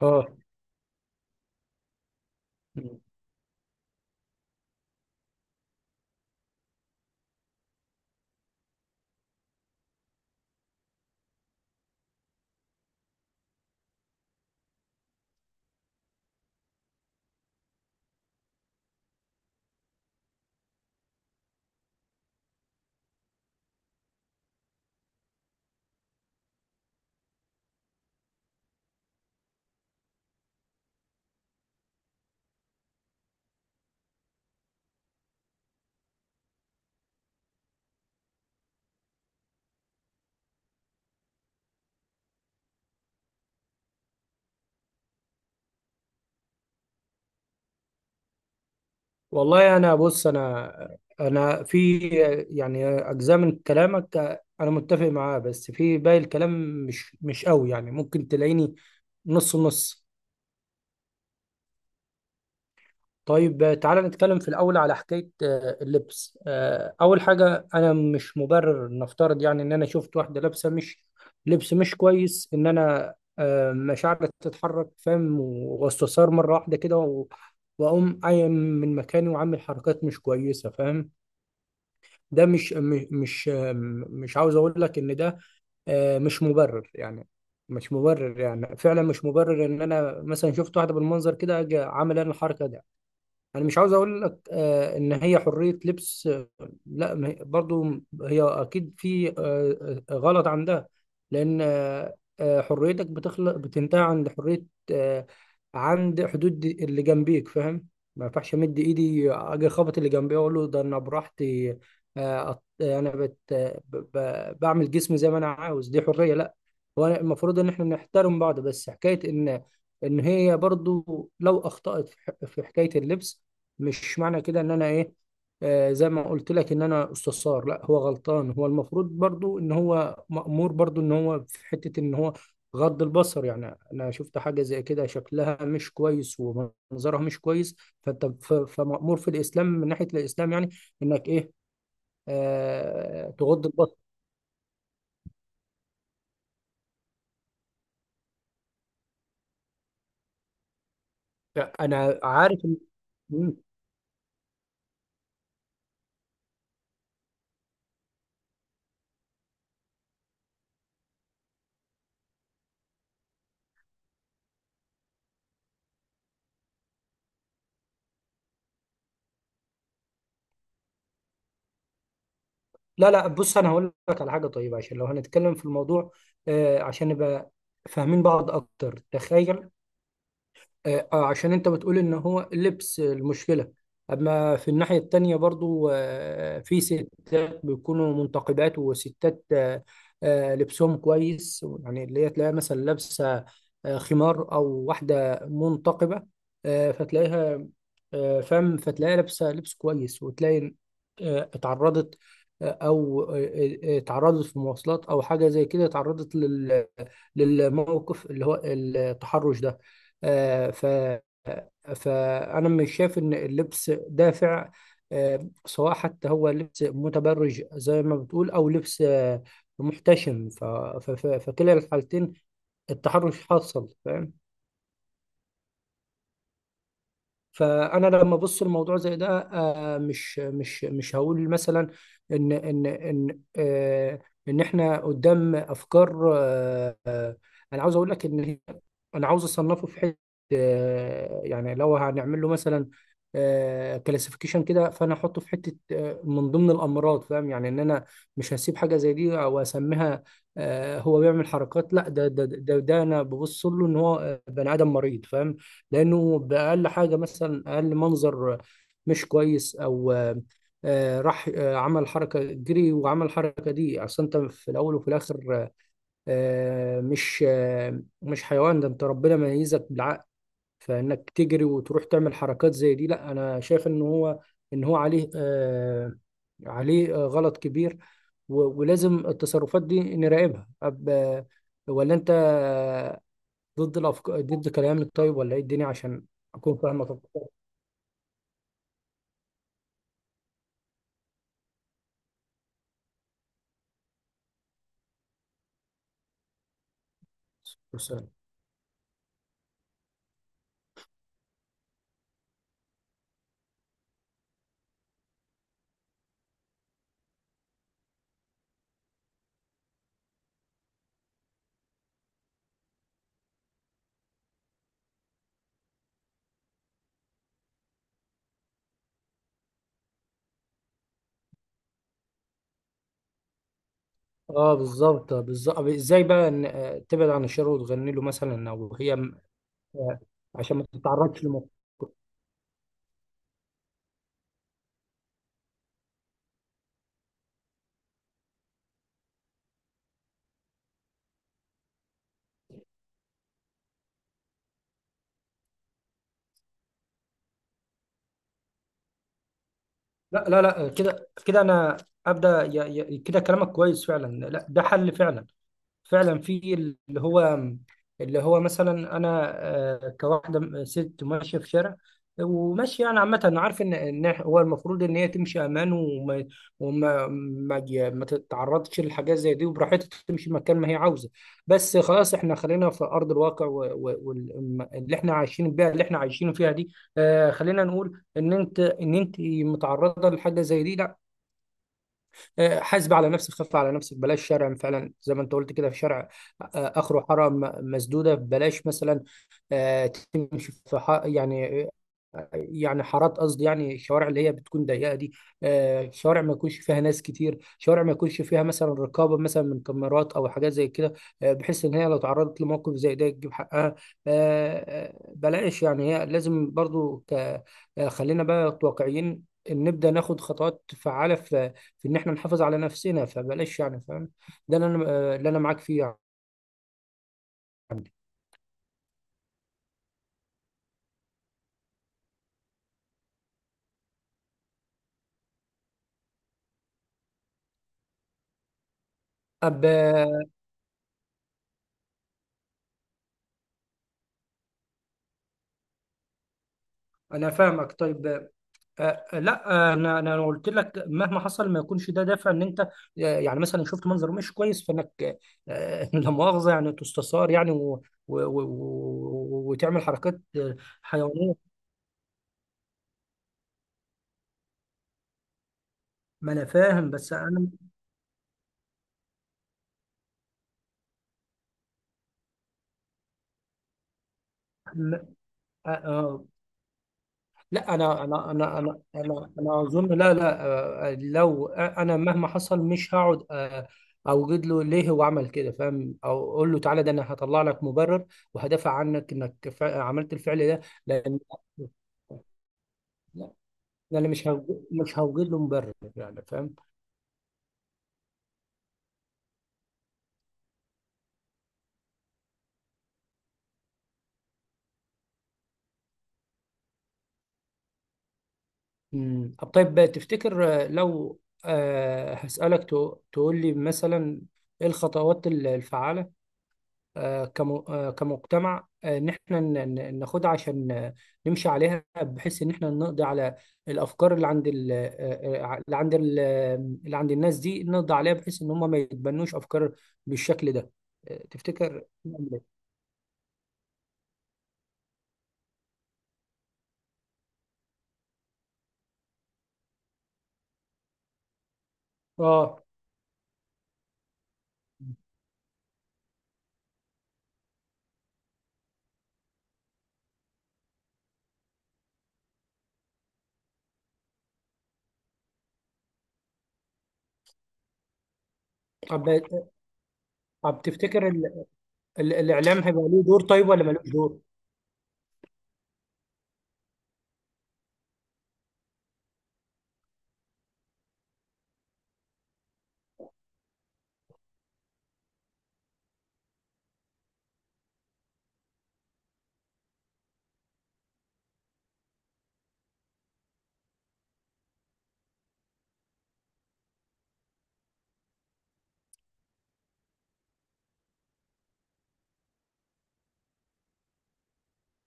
اه. مم. والله، بص، انا في يعني اجزاء من كلامك انا متفق معاه، بس في باقي الكلام مش قوي. يعني ممكن تلاقيني نص نص. طيب تعالى نتكلم في الاول على حكايه اللبس. اول حاجه، انا مش مبرر. نفترض يعني ان انا شفت واحده لابسه مش لبس مش كويس ان انا مشاعري تتحرك، فاهم، واستثار مره واحده كده واقوم قايم من مكاني وعامل حركات مش كويسه، فاهم. ده مش م- مش مش عاوز اقول لك ان ده مش مبرر يعني. مش مبرر يعني، فعلا مش مبرر ان انا مثلا شفت واحده بالمنظر كده اجي عامل انا الحركه دي. انا مش عاوز اقول لك ان هي حرية لبس. لا، ما هي- برضو هي اكيد في غلط عندها. لان حريتك بتخلق بتنتهي عند حرية آه، عند حدود اللي جنبيك، فاهم. ما ينفعش امد ايدي اجي اخبط اللي جنبي اقول له ده انا براحتي. انا بت آه، ب- ب- بعمل جسمي زي ما انا عاوز، دي حرية؟ لا، هو المفروض ان احنا نحترم بعض. بس حكاية ان هي برضو لو اخطأت في في حكاية اللبس، مش معنى كده ان انا ايه، زي ما قلت لك، ان انا استثار. لا، هو غلطان، هو المفروض برضو ان هو مأمور، برضو ان هو في حتة ان هو غض البصر. يعني انا شفت حاجة زي كده شكلها مش كويس ومنظرها مش كويس، فانت فمأمور في الاسلام، من ناحية الاسلام يعني، انك ايه، تغض البصر. انا عارف إن- مم. لا لا، بص، انا هقول لك على حاجة طيبة عشان لو هنتكلم في الموضوع عشان نبقى فاهمين بعض اكتر. تخيل، عشان انت بتقول ان هو اللبس المشكلة. اما في الناحية التانية برضو في ستات بيكونوا منتقبات وستات لبسهم كويس، يعني اللي هي تلاقيها مثلا لابسة خمار او واحدة منتقبة، آه فتلاقيها آه فم فتلاقيها لابسة لبس كويس، وتلاقي اتعرضت، آه، او آه، آه، اتعرضت في مواصلات او حاجه زي كده، اتعرضت للموقف اللي هو التحرش ده. آه، ف فأنا مش شايف إن اللبس دافع، سواء حتى هو لبس متبرج زي ما بتقول أو لبس محتشم. فكلا الحالتين، التحرش حاصل، فاهم. فانا لما ابص الموضوع زي ده، مش هقول مثلا ان احنا قدام افكار انا عاوز اقول لك ان انا عاوز اصنفه في حته، يعني لو هنعمل له مثلا كلاسيفيكيشن كده، فانا احطه في حته من ضمن الامراض، فاهم. يعني ان انا مش هسيب حاجه زي دي او اسميها هو بيعمل حركات. لا، ده انا ببص له ان هو بني ادم مريض، فاهم. لانه باقل حاجه، مثلا اقل منظر مش كويس، او راح عمل حركه جري وعمل الحركه دي. اصل انت في الاول وفي الاخر مش حيوان. ده انت ربنا ميزك بالعقل، فانك تجري وتروح تعمل حركات زي دي؟ لا، انا شايف ان هو عليه عليه غلط كبير، ولازم التصرفات دي نراقبها. ولا انت ضد الافكار، ضد كلامك، طيب؟ ولا ايه الدنيا، عشان اكون فاهمك أكتر. مثال. اه بالظبط، بالظبط. ازاي بقى ان تبعد عن الشر وتغني له مثلا، او هي م- آه، عشان ما تتعرضش لمخ. لا لا لا آه، كده كده انا ابدا، كده كلامك كويس فعلا، لا ده حل فعلا. فعلا في اللي هو، مثلا انا كواحده ست ماشيه في شارع وماشيه، يعني عامه، انا عارف ان هو المفروض ان هي تمشي امان وما وما ما, ي- ما تتعرضش لحاجات زي دي، وبراحتها تمشي مكان ما هي عاوزه. بس خلاص، احنا خلينا في ارض الواقع، واللي احنا عايشين بيها اللي احنا عايشين فيها دي. خلينا نقول ان انت متعرضه لحاجه زي دي، لا، حاسب على نفسك، خف على نفسك، بلاش شرع فعلا زي ما انت قلت كده، في شرع اخره حاره مسدوده، بلاش مثلا تمشي في حق يعني، يعني حارات، قصدي يعني الشوارع اللي هي بتكون ضيقه دي شوارع ما يكونش فيها ناس كتير، شوارع ما يكونش فيها مثلا رقابه مثلا من كاميرات او حاجات زي كده بحيث ان هي لو تعرضت لموقف زي ده تجيب حقها. بلاش يعني، هي لازم برضو ك... آه، خلينا بقى واقعيين، إن نبدا ناخد خطوات فعاله في ان احنا نحافظ على نفسنا. فبلاش يعني، فاهم، ده اللي انا اللي انا معاك فيه يعني. طب انا فاهمك. طيب آه، آه، لا آه، انا انا أنا قلت لك مهما حصل، ما يكونش ده دافع ان انت يعني مثلا شفت منظر مش كويس، فانك لا مؤاخذه يعني تستثار يعني و وتعمل حركات حيوانيه. ما انا فاهم، بس انا م- آه، آه، لا انا اظن، لا لا آه، آه، لو انا مهما حصل، مش هقعد اوجد له ليه هو عمل كده، فاهم، او اقول له تعالى ده انا هطلع لك مبرر وهدافع عنك انك عملت الفعل ده. لان لا، انا مش هوجد له مبرر يعني، فاهم. امم. طب طيب، تفتكر لو هسألك تقول لي مثلا ايه الخطوات الفعالة كمجتمع ان احنا ناخدها عشان نمشي عليها بحيث ان احنا نقضي على الافكار اللي عند اللي عند الناس دي، نقضي عليها بحيث ان هم ما يتبنوش افكار بالشكل ده. تفتكر نعمل إيه؟ اه. طب طب، تفتكر الاعلام هيبقى له دور طيب، ولا ملوش دور؟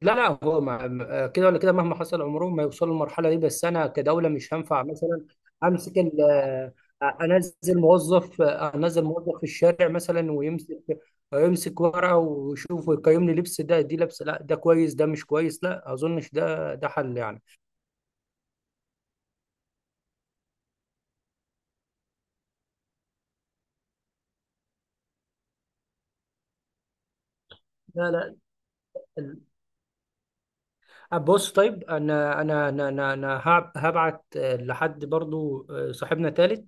لا لا، هو كده ولا كده مهما حصل عمرهم ما يوصلوا للمرحله دي، بس انا كدوله مش هينفع مثلا امسك ال- آه، انزل موظف آه، انزل موظف في الشارع مثلا ويمسك، يمسك ورقه ويشوف ويقيم لي لبس ده، دي لبس، لا ده كويس، ده مش كويس، لا اظنش ده ده حل يعني. لا لا، ال- بص طيب، انا انا انا انا أنا هبعت لحد برضو صاحبنا تالت،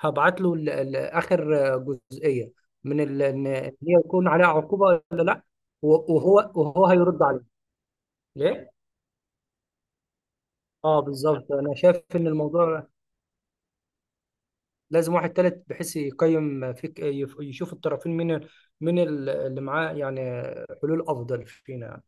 هبعت له اخر جزئيه، ان إن هي يكون عليها عقوبه ولا لا، وهو هيرد عليه. ليه؟ اه بالظبط، انا شايف ان الموضوع لازم واحد تالت بحيث يقيم فيك، يشوف الطرفين من من اللي معاه يعني حلول افضل فينا.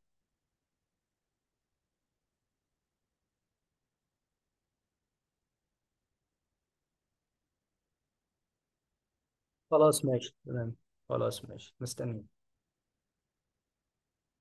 خلاص ماشي، تمام. خلاص ماشي، مستني.